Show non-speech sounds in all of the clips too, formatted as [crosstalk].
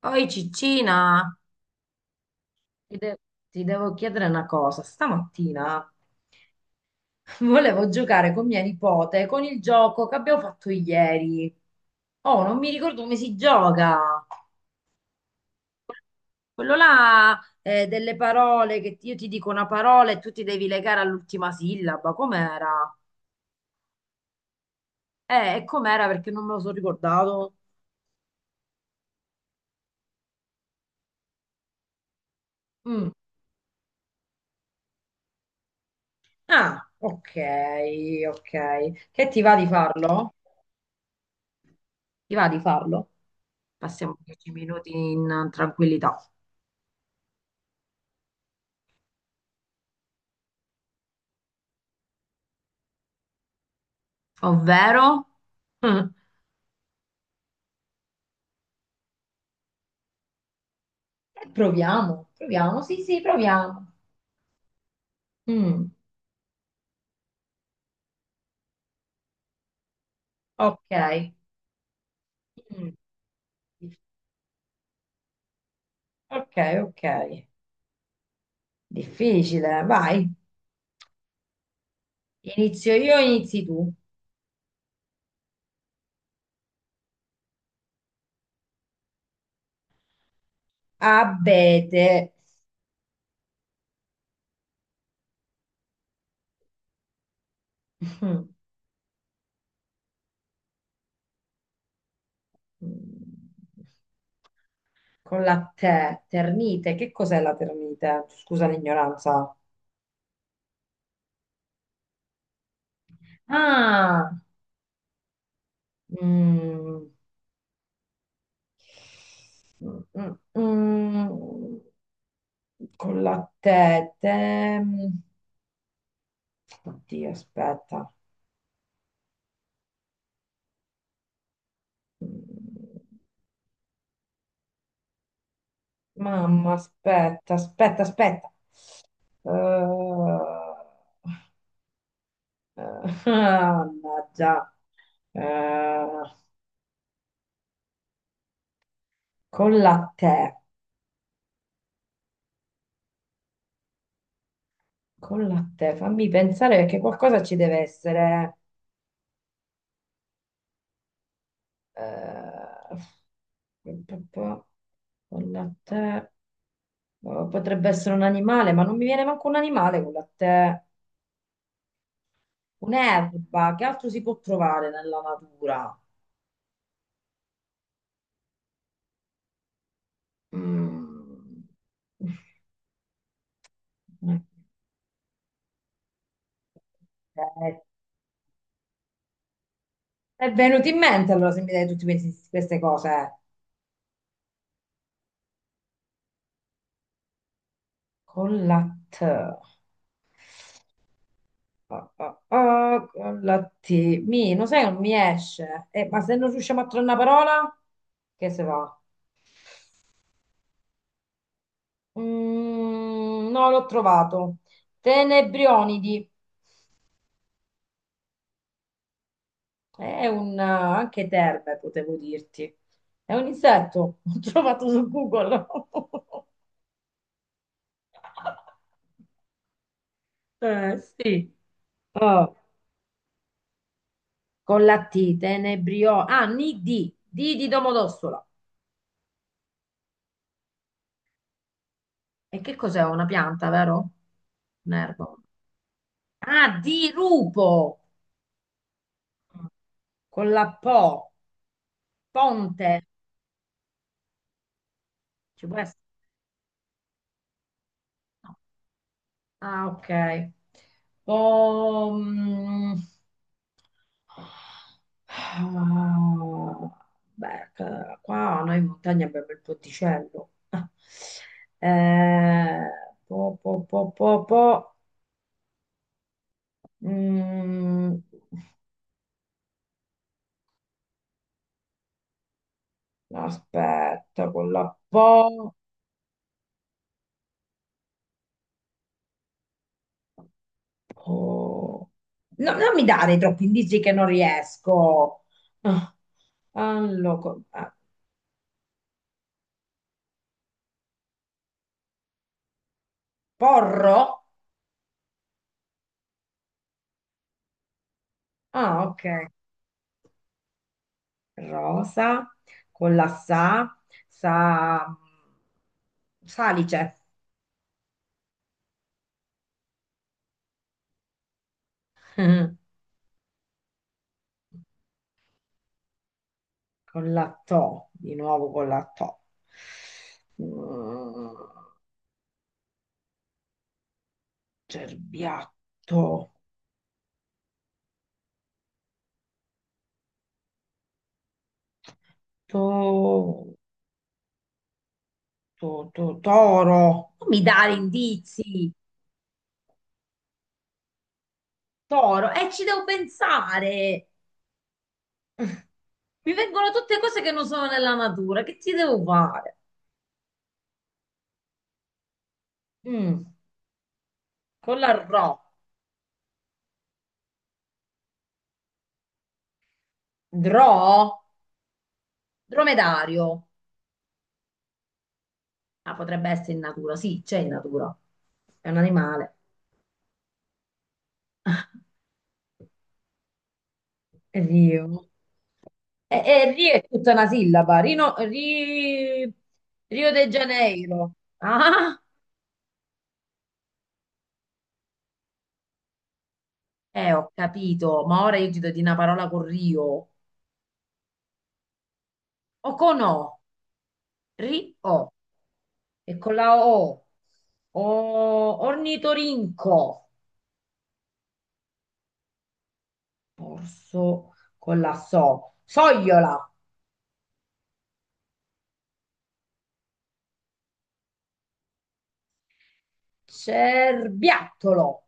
Oi Ciccina, Ti, de- ti devo chiedere una cosa. Stamattina [laughs] volevo giocare con mia nipote con il gioco che abbiamo fatto ieri. Oh, non mi ricordo come si gioca. Quello là, delle parole che io ti dico una parola e tu ti devi legare all'ultima sillaba. Com'era? E com'era perché non me lo sono ricordato. Mm. Ah, ok, ok. Che ti va di farlo? Ti va di farlo? Passiamo 10 minuti in tranquillità. Ovvero? [laughs] Proviamo, proviamo, sì, sì, proviamo. Mm, ok. Mm, ok, ok. Difficile, vai. Inizio io, inizi tu. Abete. Mm. Con la te, ternite. Che cos'è la ternite? Scusa l'ignoranza. Ah, mm, mm, mm, mm. Con la te, oddio, aspetta. Mm, Mamma, aspetta, aspetta, aspetta. Eh, eh, [laughs] mannaggia. Eh, con la te, con la te, fammi pensare perché qualcosa ci deve essere. Eh, pa- pa- con la te. Potrebbe essere un animale, ma non mi viene manco un animale con la te. Un'erba, che altro si può trovare nella natura? Mm. Eh, è venuto in mente allora se mi dai queste cose. Con la T. Ah, ah, ah, con la T. Non sai, non mi esce. Ma se non riusciamo a trovare una parola, che se va? Mm, no, l'ho trovato. Tenebrionidi. È anche terme, potevo dirti. È un insetto. [laughs] L'ho trovato su Google. [laughs] Sì. Oh, con la T, tenebriolo. Ah, ni di, di Domodossola. E che cos'è? Una pianta, vero? Un erbo. Ah, di rupo. Con la po. Ponte. Ci può essere? No. Ah, ok. Pom... Ah, beh, qua noi in montagna abbiamo il ponticello. [laughs] Eh, po, po, po, po, po. Mm, aspetta, con la po. po- No, non mi dare troppi indizi che non riesco. Ah, ah, porro? Ah, ok. Rosa con la sa, sa, salice. [laughs] Con la to, di nuovo con la to. Mm, cerbiatto. To. Toro. Non mi dare indizi, toro, e ci devo pensare. [laughs] Mi vengono tutte cose che non sono nella natura, che ci devo fare? Mm, con la ro. Dro? Dromedario. Ah, potrebbe essere in natura, sì, c'è in natura. È un animale. [laughs] Rio. E Rio è tutta una sillaba. Rio de Janeiro. Ah! Ho capito, ma ora io ti do di una parola con Rio. O con O, Rio. E con la O. O, ornitorinco. Orso con la So. Sogliola. Cerbiattolo.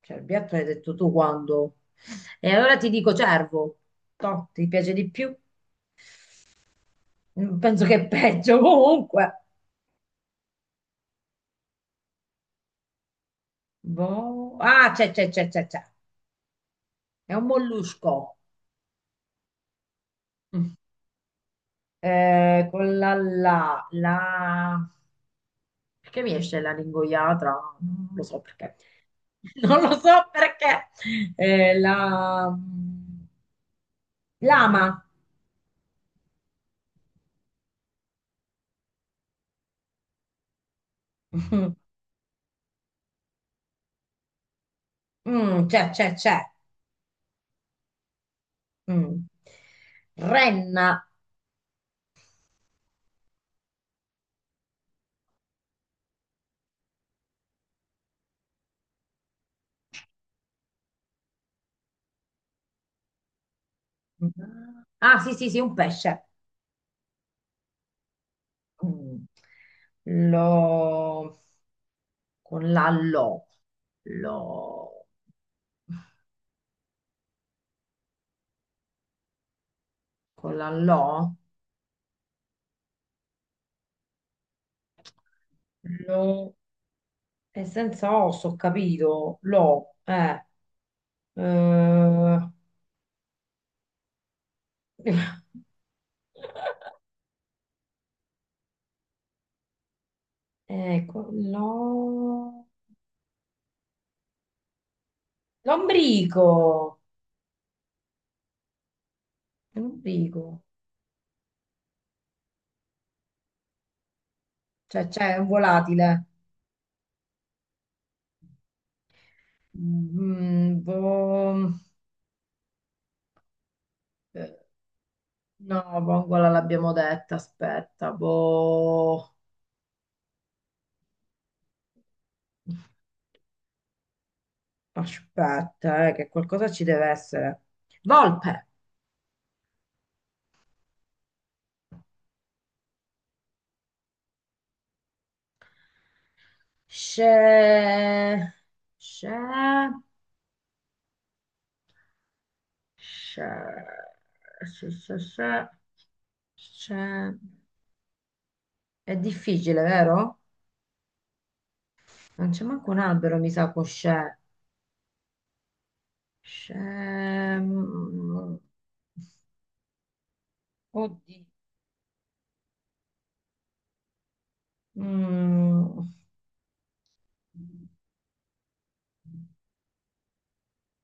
Cerbiattolo hai detto tu quando? E allora ti dico cervo. Toh, ti piace di più? Mm, penso che è peggio comunque. Boh. Ah, c'è, c'è, c'è, c'è, c'è. È un mollusco. [laughs] Con la la, la... Perché mi esce la lingoiatra? Non lo so perché. [laughs] Non lo so perché. La... mm, lama. [laughs] Mhm. Mm, c'è, c'è, c'è. Mm. Renna. Ah, sì, sì, sì, un pesce. Mm. Lo... Con la lo. Lo... Con la lo. Lo... E senza osso, ho capito, lo, eh, [laughs] ecco, lo, lombrico, lombrico, cioè c'è un volatile. Mm, boh, eh, no, vongola l'abbiamo detta, aspetta, boh, aspetta, che qualcosa ci deve essere, volpe. C'è, c'è, c'è, c'è, c'è, c'è, c'è. È difficile, vero? Non c'è manco un albero, mi sa, con c'è. C'è... mm, oddio. Mm.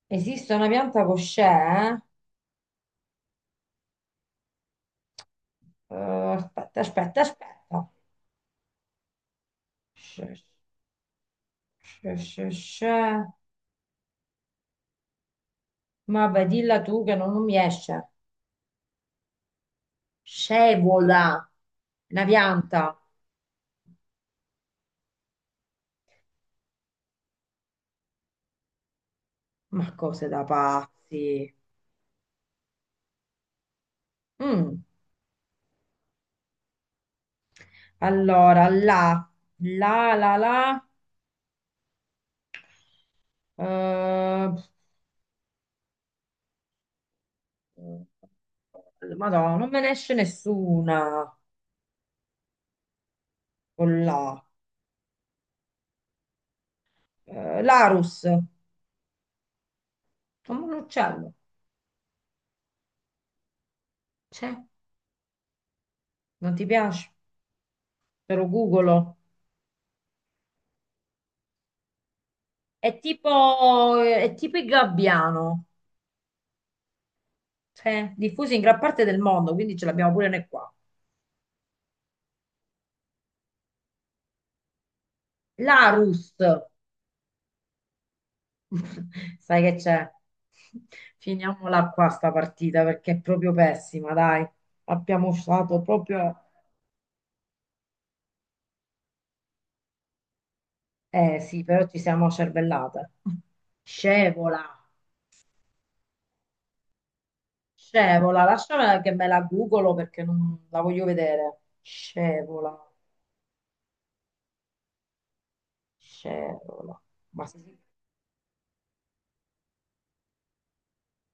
Esiste una pianta con c'è, eh? Aspetta, aspetta, aspetta. C'è, c'è, c'è, c'è. Ma vai, dilla tu che non mi esce. Scevola, una pianta. Ma cose da pazzi. Mm. Allora, la, la, la, la. Eh, Madonna, non me ne esce nessuna con la. Larus, come un uccello. C'è? Non ti piace? Te lo googolo. È tipo il gabbiano. C'è? Diffuso in gran parte del mondo, quindi ce l'abbiamo pure noi qua. Larus. [laughs] Sai che c'è? Finiamola qua sta partita perché è proprio pessima, dai. Abbiamo usato proprio... Eh sì, però ci siamo cervellate. Scevola, scevola, lasciamela che me la googolo perché non la voglio vedere. Scevola, scevola. Ma sì,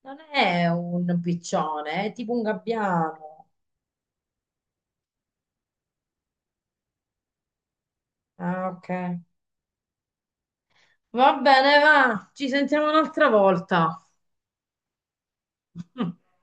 non è un piccione, è tipo un gabbiano. Ah, ok. Va bene, va, ci sentiamo un'altra volta. [laughs]